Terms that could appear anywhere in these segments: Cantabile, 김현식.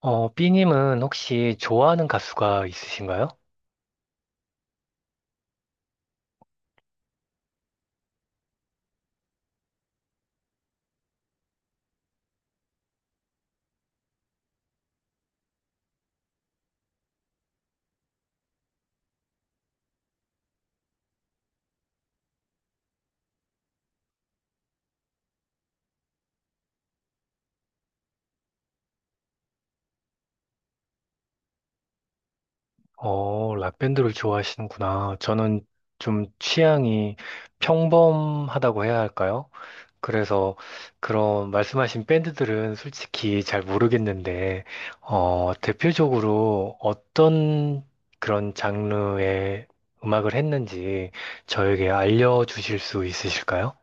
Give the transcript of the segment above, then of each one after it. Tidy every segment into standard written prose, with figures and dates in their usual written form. B님은 혹시 좋아하는 가수가 있으신가요? 락밴드를 좋아하시는구나. 저는 좀 취향이 평범하다고 해야 할까요? 그래서 그런 말씀하신 밴드들은 솔직히 잘 모르겠는데, 대표적으로 어떤 그런 장르의 음악을 했는지 저에게 알려주실 수 있으실까요?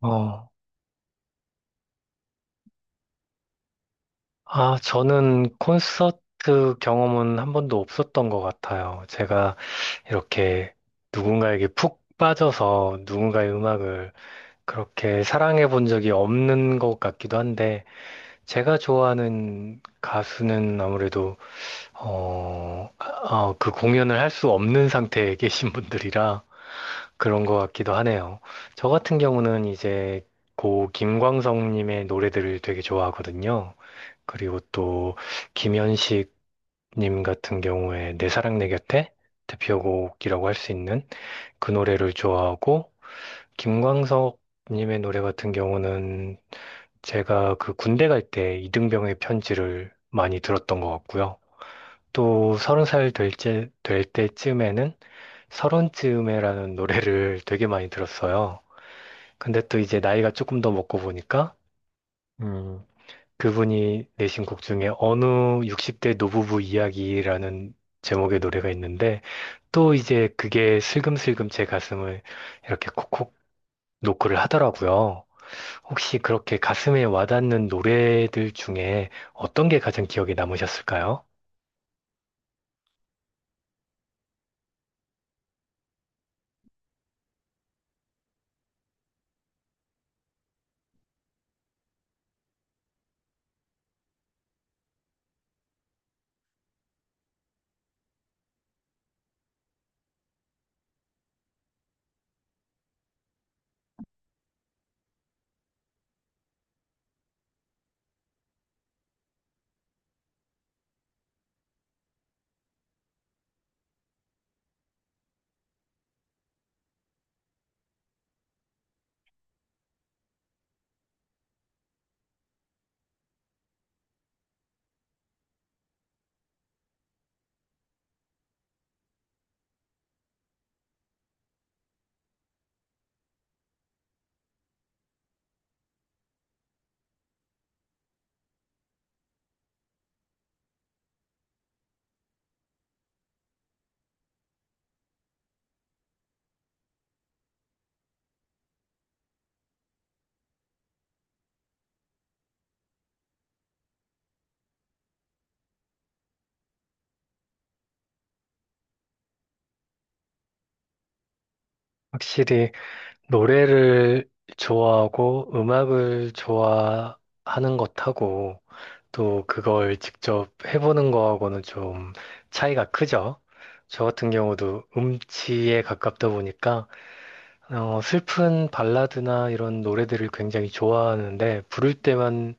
어, 아, 저는 콘서트 경험은 한 번도 없었던 것 같아요. 제가 이렇게 누군가에게 푹 빠져서 누군가의 음악을 그렇게 사랑해 본 적이 없는 것 같기도 한데, 제가 좋아하는 가수는 아무래도, 그 공연을 할 수 없는 상태에 계신 분들이라 그런 것 같기도 하네요. 저 같은 경우는 이제 고 김광석님의 노래들을 되게 좋아하거든요. 그리고 또 김현식 님 같은 경우에 내 사랑 내 곁에 대표곡이라고 할 수 있는 그 노래를 좋아하고, 김광석 님의 노래 같은 경우는 제가 그 군대 갈 때 이등병의 편지를 많이 들었던 것 같고요. 또 30살 될 때쯤에는 서른쯤에라는 노래를 되게 많이 들었어요. 근데 또 이제 나이가 조금 더 먹고 보니까 음, 그분이 내신 곡 중에 어느 60대 노부부 이야기라는 제목의 노래가 있는데, 또 이제 그게 슬금슬금 제 가슴을 이렇게 콕콕 노크를 하더라고요. 혹시 그렇게 가슴에 와닿는 노래들 중에 어떤 게 가장 기억에 남으셨을까요? 확실히 노래를 좋아하고 음악을 좋아하는 것하고 또 그걸 직접 해보는 거하고는 좀 차이가 크죠. 저 같은 경우도 음치에 가깝다 보니까 슬픈 발라드나 이런 노래들을 굉장히 좋아하는데, 부를 때만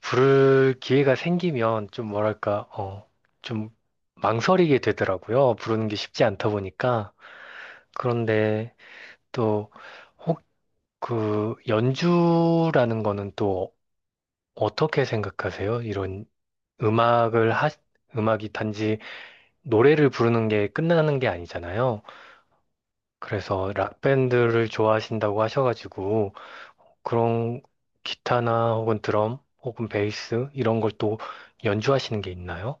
부를 기회가 생기면 좀 뭐랄까 좀 망설이게 되더라고요. 부르는 게 쉽지 않다 보니까. 그런데 또 그 연주라는 거는 또 어떻게 생각하세요? 이런 음악을 하, 음악이 단지 노래를 부르는 게 끝나는 게 아니잖아요. 그래서 락밴드를 좋아하신다고 하셔가지고, 그런 기타나 혹은 드럼 혹은 베이스 이런 걸 또 연주하시는 게 있나요?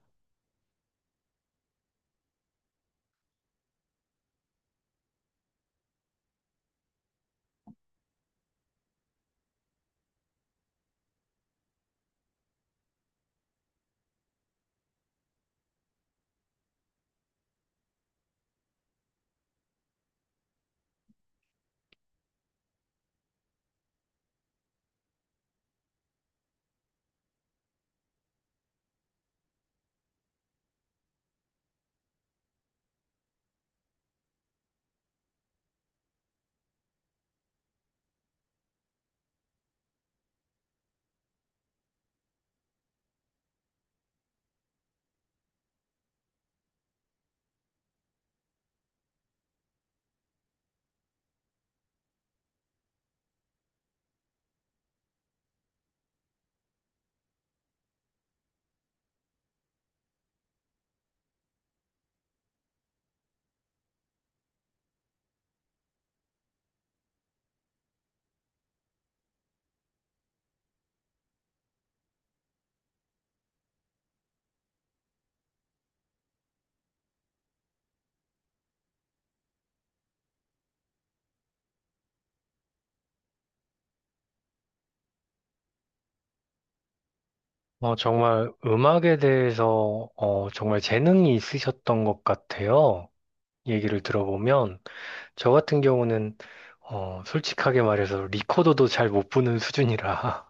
정말 음악에 대해서 정말 재능이 있으셨던 것 같아요. 얘기를 들어보면 저 같은 경우는 솔직하게 말해서 리코더도 잘 못 부는 수준이라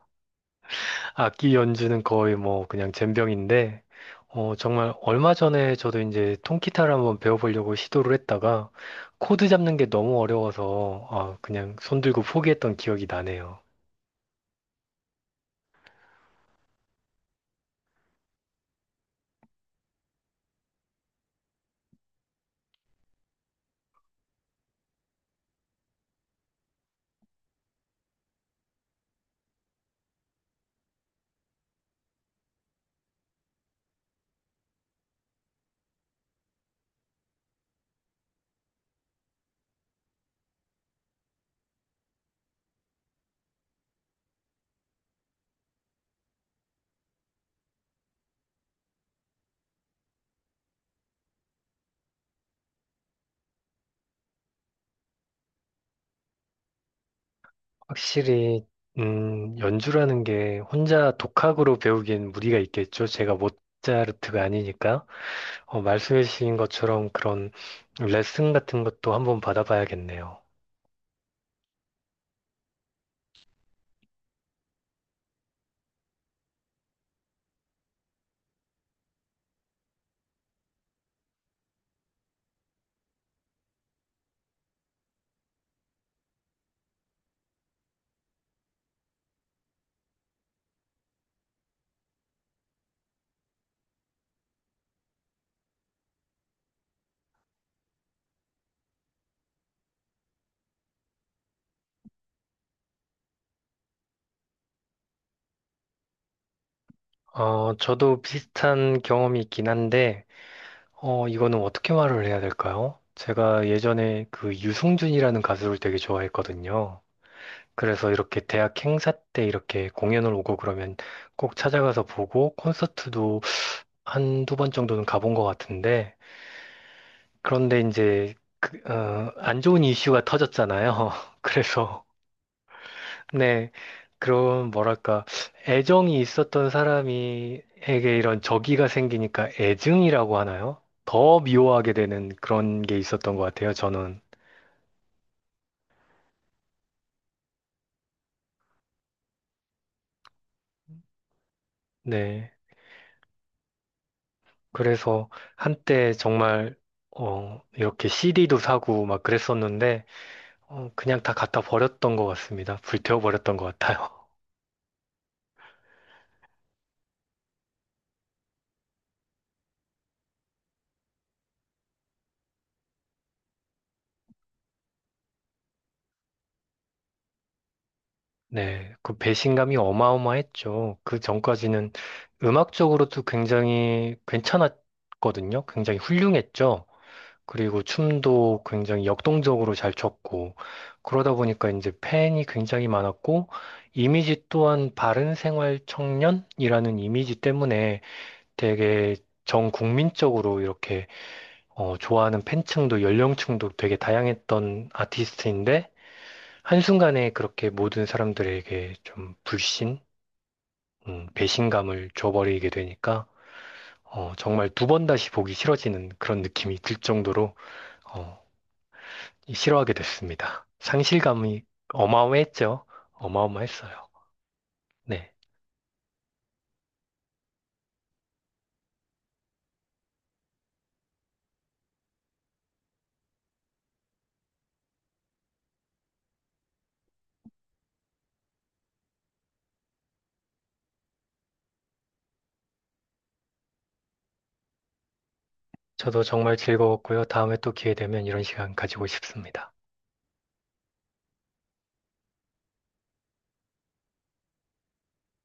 악기 연주는 거의 뭐 그냥 젬병인데, 정말 얼마 전에 저도 이제 통기타를 한번 배워보려고 시도를 했다가 코드 잡는 게 너무 어려워서 아, 그냥 손 들고 포기했던 기억이 나네요. 확실히 연주라는 게 혼자 독학으로 배우기엔 무리가 있겠죠. 제가 모차르트가 아니니까 말씀해주신 것처럼 그런 레슨 같은 것도 한번 받아봐야겠네요. 저도 비슷한 경험이 있긴 한데, 이거는 어떻게 말을 해야 될까요? 제가 예전에 그 유승준이라는 가수를 되게 좋아했거든요. 그래서 이렇게 대학 행사 때 이렇게 공연을 오고 그러면 꼭 찾아가서 보고, 콘서트도 한두 번 정도는 가본 것 같은데, 그런데 이제 안 좋은 이슈가 터졌잖아요. 그래서 네, 그런 뭐랄까 애정이 있었던 사람이에게 이런 적이가 생기니까 애증이라고 하나요? 더 미워하게 되는 그런 게 있었던 것 같아요, 저는. 네, 그래서 한때 정말 이렇게 CD도 사고 막 그랬었는데, 그냥 다 갖다 버렸던 것 같습니다. 불태워 버렸던 것 같아요. 네, 그 배신감이 어마어마했죠. 그 전까지는 음악적으로도 굉장히 괜찮았거든요. 굉장히 훌륭했죠. 그리고 춤도 굉장히 역동적으로 잘 췄고, 그러다 보니까 이제 팬이 굉장히 많았고, 이미지 또한 바른 생활 청년이라는 이미지 때문에 되게 전 국민적으로 이렇게 좋아하는 팬층도 연령층도 되게 다양했던 아티스트인데, 한순간에 그렇게 모든 사람들에게 좀 불신, 배신감을 줘버리게 되니까, 정말 두 번 다시 보기 싫어지는 그런 느낌이 들 정도로, 어, 싫어하게 됐습니다. 상실감이 어마어마했죠. 어마어마했어요. 네. 저도 정말 즐거웠고요. 다음에 또 기회 되면 이런 시간 가지고 싶습니다.